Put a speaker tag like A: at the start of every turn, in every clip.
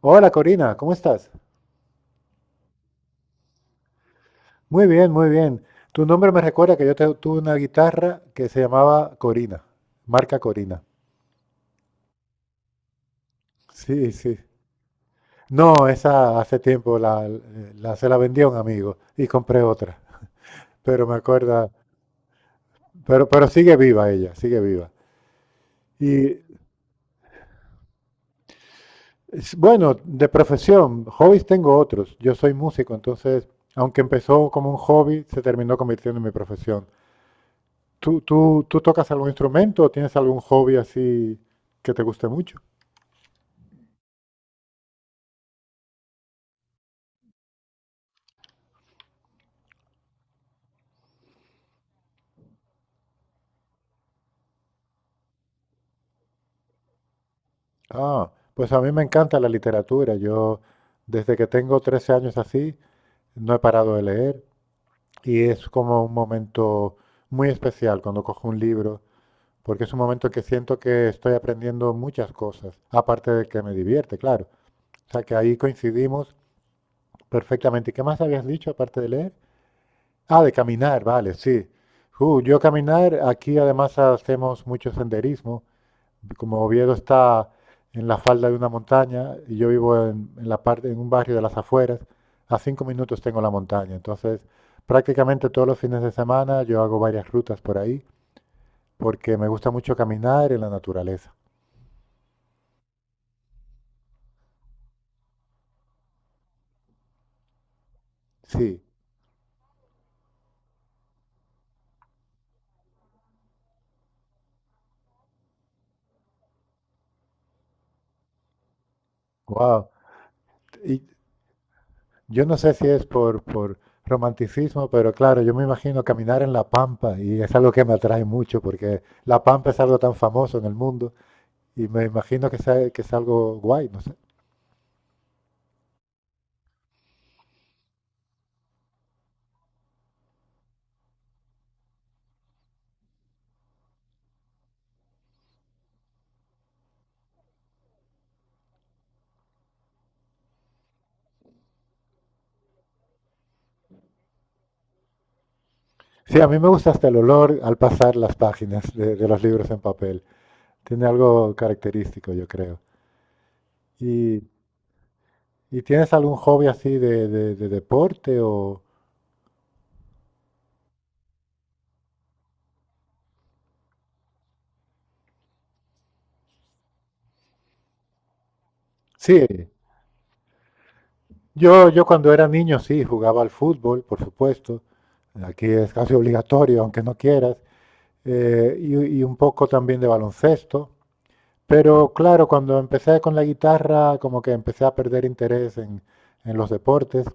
A: Hola Corina, ¿cómo estás? Muy bien, muy bien. Tu nombre me recuerda que tuve una guitarra que se llamaba Corina, marca Corina. Sí, sí. No, esa hace tiempo se la vendí a un amigo y compré otra. Pero me acuerda, pero sigue viva ella, sigue viva. Y bueno, de profesión, hobbies tengo otros. Yo soy músico, entonces, aunque empezó como un hobby, se terminó convirtiendo en mi profesión. ¿Tú tocas algún instrumento o tienes algún hobby así que te guste mucho? Ah, pues a mí me encanta la literatura. Yo, desde que tengo 13 años así, no he parado de leer y es como un momento muy especial cuando cojo un libro, porque es un momento que siento que estoy aprendiendo muchas cosas, aparte de que me divierte, claro. O sea que ahí coincidimos perfectamente. ¿Y qué más habías dicho aparte de leer? Ah, de caminar, vale, sí. Yo caminar, aquí además hacemos mucho senderismo. Como Oviedo está en la falda de una montaña y yo vivo en la parte, en un barrio de las afueras, a 5 minutos tengo la montaña. Entonces, prácticamente todos los fines de semana yo hago varias rutas por ahí porque me gusta mucho caminar en la naturaleza. Sí, wow. Yo no sé si es por romanticismo, pero claro, yo me imagino caminar en la pampa y es algo que me atrae mucho porque la pampa es algo tan famoso en el mundo y me imagino que es algo guay, no sé. Sí, a mí me gusta hasta el olor al pasar las páginas de los libros en papel. Tiene algo característico, yo creo. ¿Y, y tienes algún hobby así de deporte o...? Sí, yo cuando era niño sí, jugaba al fútbol, por supuesto. Aquí es casi obligatorio, aunque no quieras. Y un poco también de baloncesto. Pero claro, cuando empecé con la guitarra, como que empecé a perder interés en los deportes.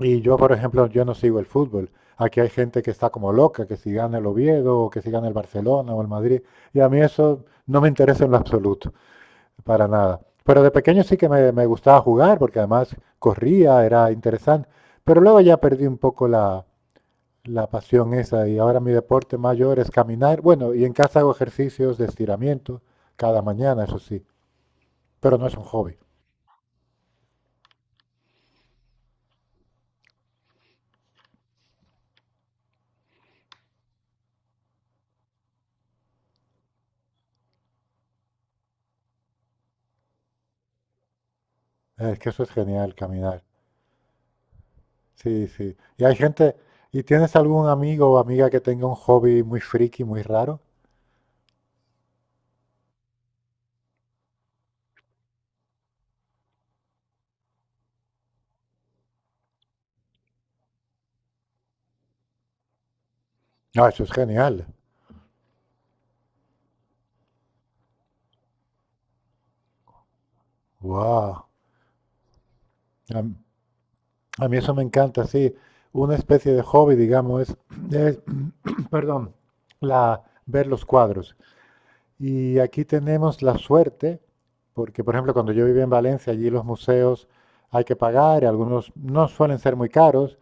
A: Y yo, por ejemplo, yo no sigo el fútbol. Aquí hay gente que está como loca, que si gana el Oviedo, o que si gana el Barcelona o el Madrid. Y a mí eso no me interesa en lo absoluto, para nada. Pero de pequeño sí que me gustaba jugar, porque además corría, era interesante. Pero luego ya perdí un poco la pasión esa. Y ahora mi deporte mayor es caminar. Bueno, y en casa hago ejercicios de estiramiento cada mañana, eso sí. Pero no es un hobby. Es que eso es genial, caminar. Sí, sí. Y hay gente, ¿y tienes algún amigo o amiga que tenga un hobby muy friki, muy raro? No, eso es genial. Wow. A, a mí eso me encanta, sí. Una especie de hobby, digamos, es, perdón, ver los cuadros. Y aquí tenemos la suerte, porque por ejemplo cuando yo vivía en Valencia, allí los museos hay que pagar, y algunos no suelen ser muy caros,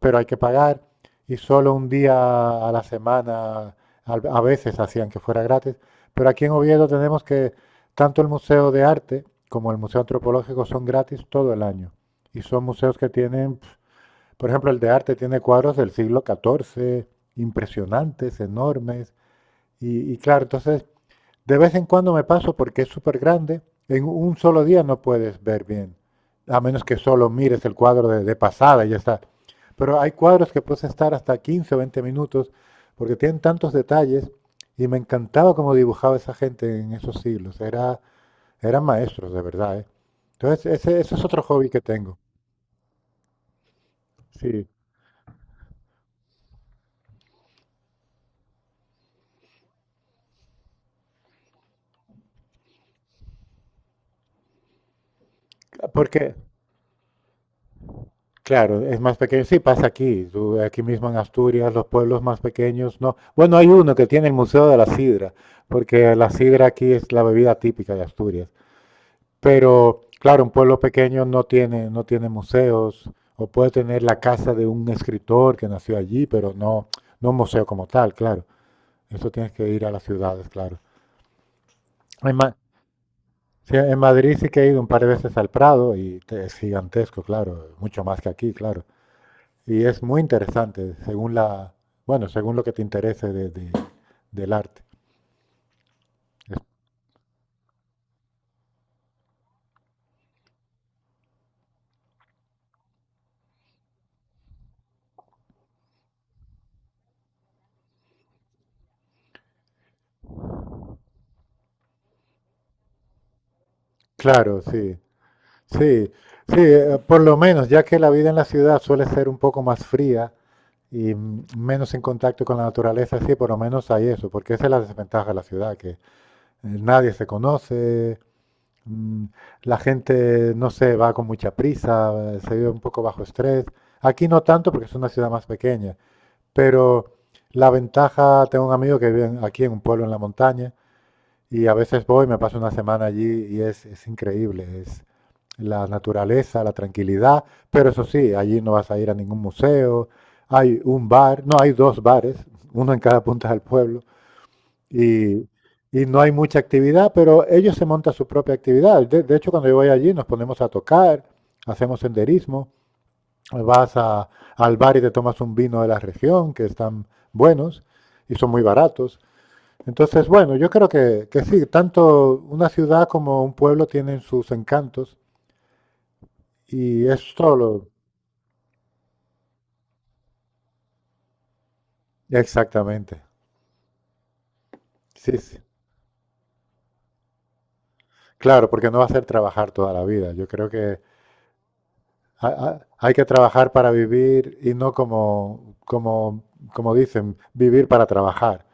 A: pero hay que pagar, y solo un día a la semana a veces hacían que fuera gratis. Pero aquí en Oviedo tenemos que tanto el Museo de Arte como el Museo Antropológico son gratis todo el año. Y son museos que tienen, por ejemplo, el de arte tiene cuadros del siglo XIV, impresionantes, enormes. Y claro, entonces de vez en cuando me paso porque es súper grande. En un solo día no puedes ver bien, a menos que solo mires el cuadro de pasada y ya está. Pero hay cuadros que puedes estar hasta 15 o 20 minutos porque tienen tantos detalles y me encantaba cómo dibujaba esa gente en esos siglos. Era, eran maestros, de verdad, ¿eh? Entonces, ese es otro hobby que tengo. Sí, porque claro, es más pequeño. Sí, pasa aquí, aquí mismo en Asturias, los pueblos más pequeños, no. Bueno, hay uno que tiene el Museo de la Sidra, porque la sidra aquí es la bebida típica de Asturias. Pero, claro, un pueblo pequeño no tiene, no tiene museos, o puede tener la casa de un escritor que nació allí, pero no, no un museo como tal, claro. Eso tienes que ir a las ciudades, claro. En, Ma- sí, en Madrid sí que he ido un par de veces al Prado es gigantesco, claro, mucho más que aquí, claro. Y es muy interesante, según bueno, según lo que te interese del arte. Claro, sí, sí, sí, por lo menos, ya que la vida en la ciudad suele ser un poco más fría y menos en contacto con la naturaleza, sí, por lo menos hay eso, porque esa es la desventaja de la ciudad, que nadie se conoce, mm, la gente, no sé, va con mucha prisa, se vive un poco bajo estrés. Aquí no tanto porque es una ciudad más pequeña. Pero la ventaja, tengo un amigo que vive aquí en un pueblo en la montaña y a veces voy, me paso una semana allí y es increíble. Es la naturaleza, la tranquilidad, pero eso sí, allí no vas a ir a ningún museo. Hay un bar, no, hay dos bares, uno en cada punta del pueblo y, y no hay mucha actividad, pero ellos se montan su propia actividad. De hecho, cuando yo voy allí nos ponemos a tocar, hacemos senderismo. Vas a- Al bar y te tomas un vino de la región, que están buenos y son muy baratos. Entonces, bueno, yo creo que sí, tanto una ciudad como un pueblo tienen sus encantos y es solo... Exactamente, sí, sí. Claro, porque no va a ser trabajar toda la vida. Yo creo que hay que trabajar para vivir y no como dicen, vivir para trabajar.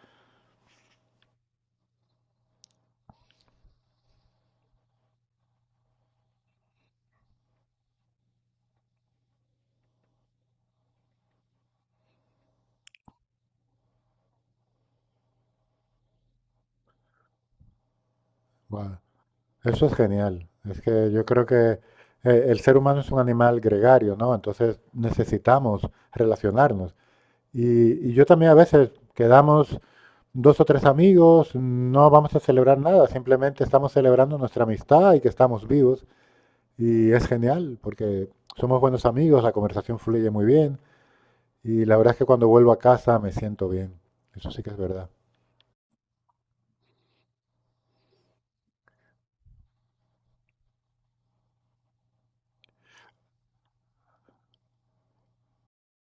A: Bueno, eso es genial. Es que yo creo que el ser humano es un animal gregario, ¿no? Entonces necesitamos relacionarnos. Y yo también a veces quedamos 2 o 3 amigos, no vamos a celebrar nada, simplemente estamos celebrando nuestra amistad y que estamos vivos. Y es genial porque somos buenos amigos, la conversación fluye muy bien y la verdad es que cuando vuelvo a casa me siento bien. Eso sí que es verdad.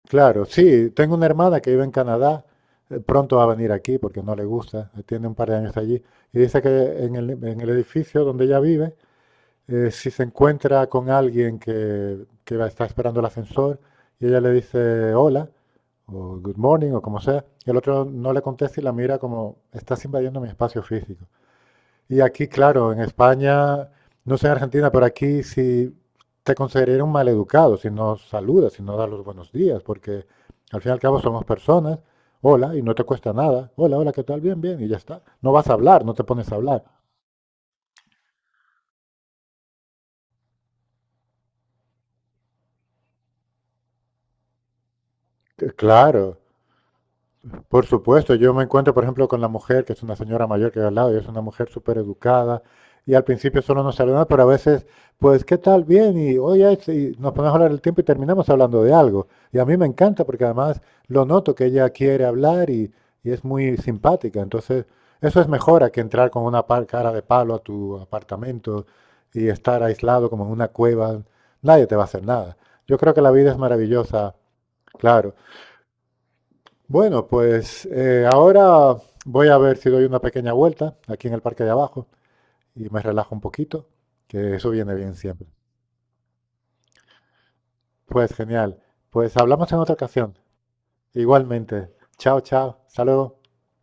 A: Claro, sí, tengo una hermana que vive en Canadá, pronto va a venir aquí porque no le gusta, tiene un par de años allí, y dice que en el edificio donde ella vive, si se encuentra con alguien que está esperando el ascensor y ella le dice hola, o good morning, o como sea, y el otro no le contesta y la mira como, estás invadiendo mi espacio físico. Y aquí, claro, en España, no sé en Argentina, pero aquí si te consideraría un maleducado si no saludas, si no das los buenos días, porque al fin y al cabo somos personas, hola, y no te cuesta nada, hola, hola, ¿qué tal? Bien, bien, y ya está. No vas a hablar, no te pones a hablar. Claro, por supuesto, yo me encuentro, por ejemplo, con la mujer, que es una señora mayor que hay al lado, y es una mujer súper educada, y al principio solo nos saluda, pero a veces, pues, ¿qué tal? Bien, y oye, y nos ponemos a hablar el tiempo y terminamos hablando de algo. Y a mí me encanta porque además lo noto que ella quiere hablar y es muy simpática. Entonces, eso es mejor a que entrar con una cara de palo a tu apartamento y estar aislado como en una cueva. Nadie te va a hacer nada. Yo creo que la vida es maravillosa, claro, bueno, pues ahora voy a ver si doy una pequeña vuelta aquí en el parque de abajo y me relajo un poquito, que eso viene bien siempre. Pues genial. Pues hablamos en otra ocasión. Igualmente. Chao, chao. Hasta luego.